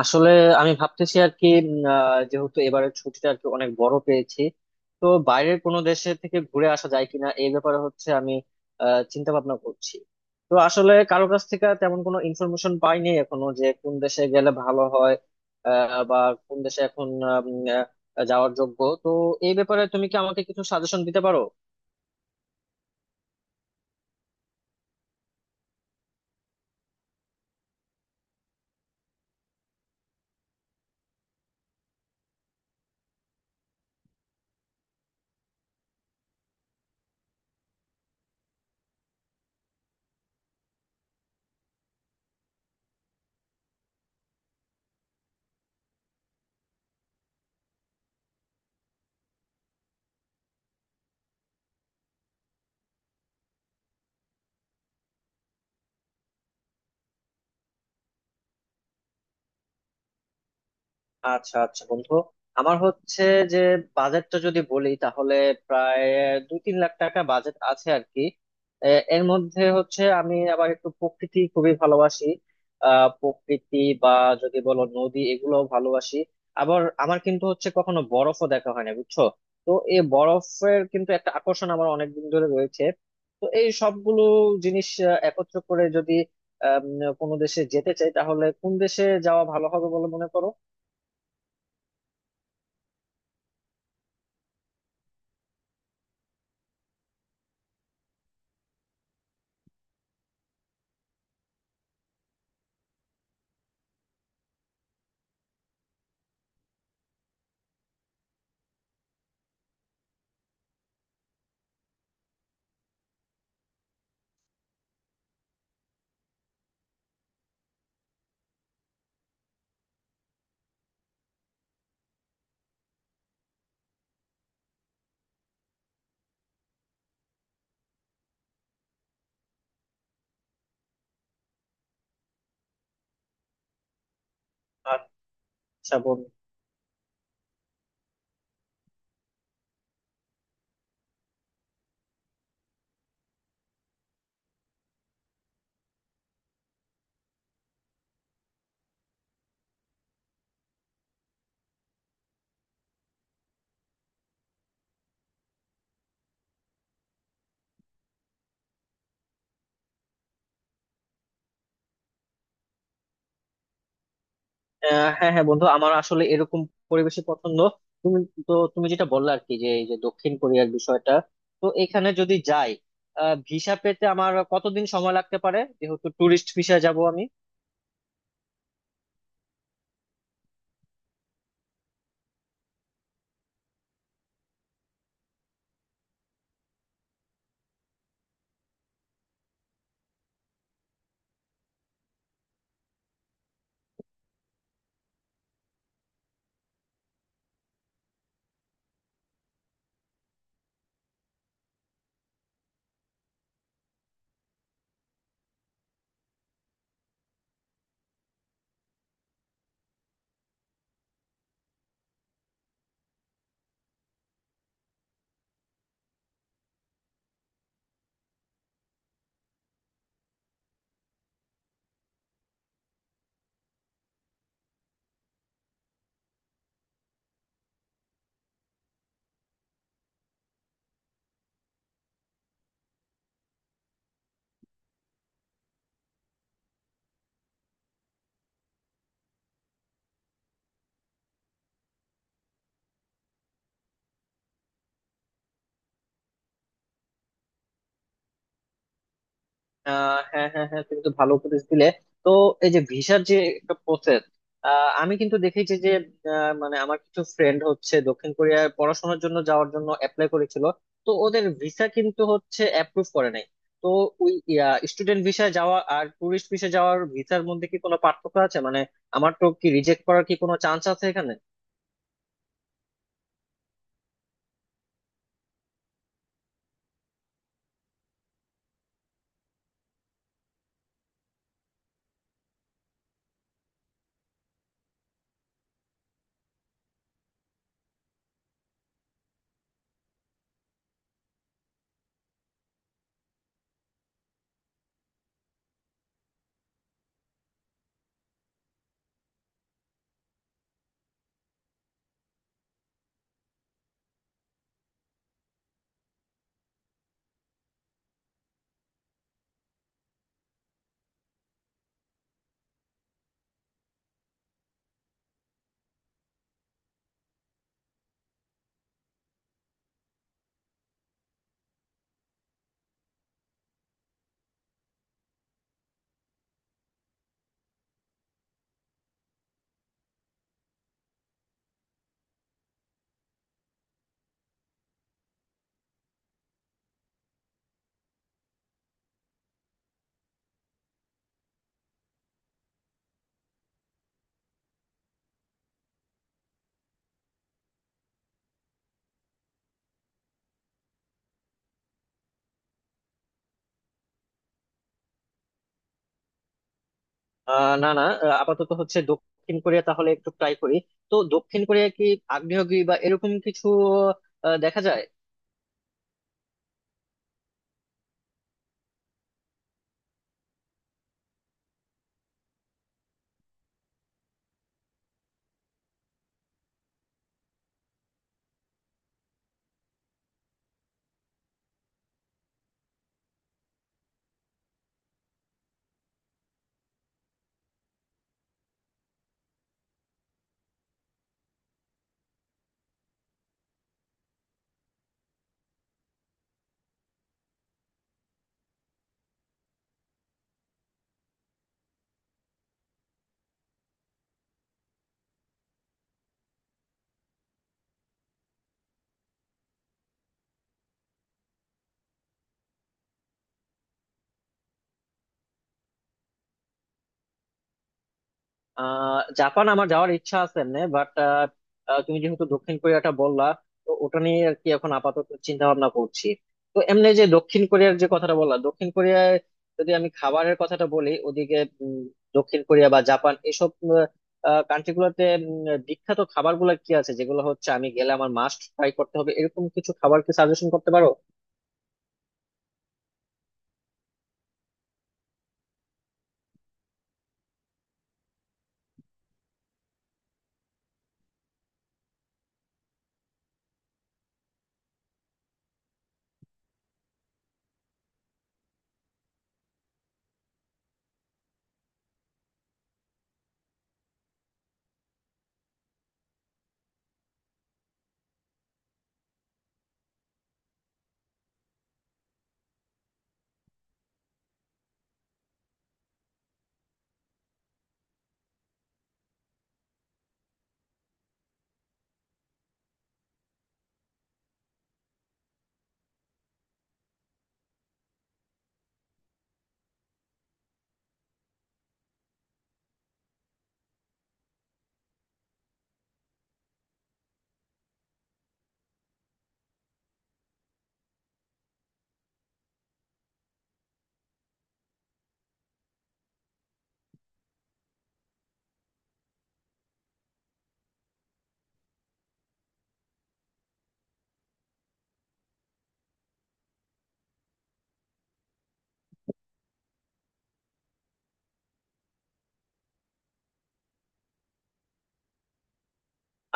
আসলে আমি ভাবতেছি আর কি যেহেতু এবারের ছুটিটা আর কি অনেক বড় পেয়েছি। তো বাইরের কোনো দেশে থেকে ঘুরে আসা যায় কিনা এই ব্যাপারে হচ্ছে আমি চিন্তা ভাবনা করছি। তো আসলে কারো কাছ থেকে তেমন কোনো ইনফরমেশন পাইনি এখনো যে কোন দেশে গেলে ভালো হয়, বা কোন দেশে এখন যাওয়ার যোগ্য। তো এই ব্যাপারে তুমি কি আমাকে কিছু সাজেশন দিতে পারো? আচ্ছা আচ্ছা বন্ধু, আমার হচ্ছে যে বাজেটটা যদি বলি তাহলে প্রায় 2-3 লাখ টাকা বাজেট আছে আর কি। এ, এর মধ্যে হচ্ছে আমি আবার একটু প্রকৃতি খুবই ভালোবাসি। প্রকৃতি বা যদি বলো নদী এগুলো ভালোবাসি। আবার আমার কিন্তু হচ্ছে কখনো বরফও দেখা হয় না, বুঝছো? তো এই বরফের কিন্তু একটা আকর্ষণ আমার অনেকদিন ধরে রয়েছে। তো এই সবগুলো জিনিস একত্র করে যদি কোনো দেশে যেতে চাই তাহলে কোন দেশে যাওয়া ভালো হবে বলে মনে করো? আচ্ছা বন্ধু। হ্যাঁ হ্যাঁ বন্ধু, আমার আসলে এরকম পরিবেশই পছন্দ। তুমি তো তুমি যেটা বললে আর কি যে এই যে দক্ষিণ কোরিয়ার বিষয়টা। তো এখানে যদি যাই, ভিসা পেতে আমার কতদিন সময় লাগতে পারে যেহেতু টুরিস্ট ভিসা যাব আমি? হ্যাঁ হ্যাঁ হ্যাঁ, তুমি তো ভালো উপদেশ দিলে। তো এই যে ভিসার যে একটা প্রসেস, আমি কিন্তু দেখেছি যে মানে আমার কিছু ফ্রেন্ড হচ্ছে দক্ষিণ কোরিয়ায় পড়াশোনার জন্য যাওয়ার জন্য অ্যাপ্লাই করেছিল। তো ওদের ভিসা কিন্তু হচ্ছে অ্যাপ্রুভ করে নাই। তো ওই স্টুডেন্ট ভিসা যাওয়া আর টুরিস্ট ভিসা যাওয়ার ভিসার মধ্যে কি কোনো পার্থক্য আছে, মানে আমার তো কি রিজেক্ট করার কি কোনো চান্স আছে এখানে? না, না, আপাতত হচ্ছে দক্ষিণ কোরিয়া তাহলে একটু ট্রাই করি। তো দক্ষিণ কোরিয়া কি আগ্নেয়গিরি বা এরকম কিছু দেখা যায়? জাপান আমার যাওয়ার ইচ্ছা আছে এমনি, বাট তুমি যেহেতু দক্ষিণ কোরিয়াটা বললা, তো ওটা নিয়ে আর কি এখন আপাতত চিন্তা ভাবনা করছি। তো এমনি যে দক্ষিণ কোরিয়ার যে কথাটা বললা, দক্ষিণ কোরিয়ায় যদি আমি খাবারের কথাটা বলি ওদিকে, উম, দক্ষিণ কোরিয়া বা জাপান এসব কান্ট্রি গুলোতে বিখ্যাত খাবার গুলা কি আছে যেগুলো হচ্ছে আমি গেলে আমার মাস্ট ট্রাই করতে হবে, এরকম কিছু খাবার কি সাজেশন করতে পারো?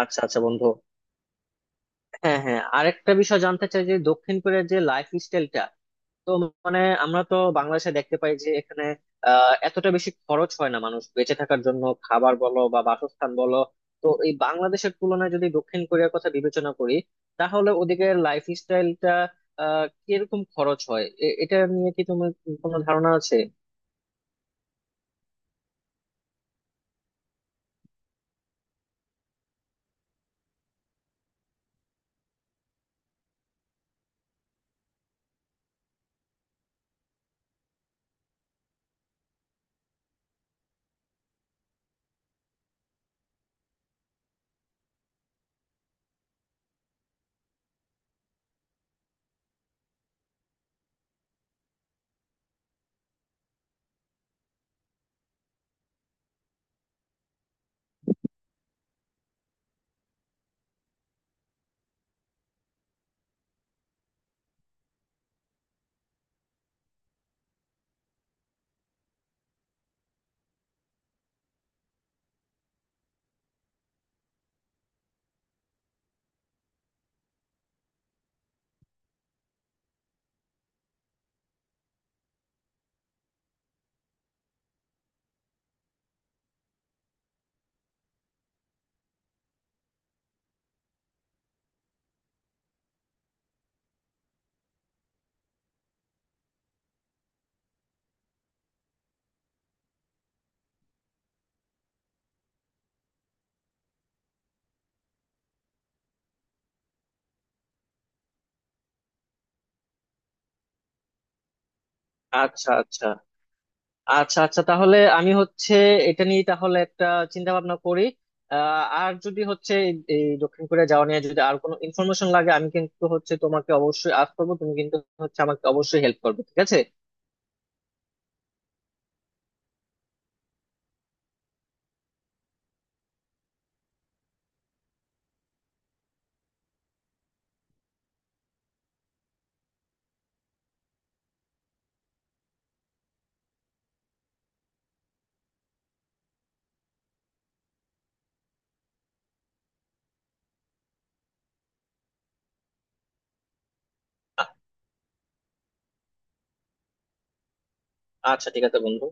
আচ্ছা আচ্ছা বন্ধু, হ্যাঁ হ্যাঁ, আরেকটা বিষয় জানতে চাই যে দক্ষিণ কোরিয়ার যে লাইফ স্টাইলটা। তো মানে আমরা তো বাংলাদেশে দেখতে পাই যে এখানে এতটা বেশি খরচ হয় না মানুষ বেঁচে থাকার জন্য, খাবার বলো বা বাসস্থান বলো। তো এই বাংলাদেশের তুলনায় যদি দক্ষিণ কোরিয়ার কথা বিবেচনা করি তাহলে ওদিকে লাইফ স্টাইলটা কিরকম খরচ হয়, এটা নিয়ে কি তোমার কোনো ধারণা আছে? আচ্ছা, আচ্ছা। আচ্ছা, আচ্ছা, তাহলে আমি হচ্ছে এটা নিয়ে তাহলে একটা চিন্তা ভাবনা করি। আর যদি হচ্ছে এই এই দক্ষিণ কোরিয়া যাওয়া নিয়ে যদি আর কোনো ইনফরমেশন লাগে, আমি কিন্তু হচ্ছে তোমাকে অবশ্যই আজ করবো। তুমি কিন্তু হচ্ছে আমাকে অবশ্যই হেল্প করবে, ঠিক আছে? আ- আচ্ছা, ঠিক আছে বন্ধু।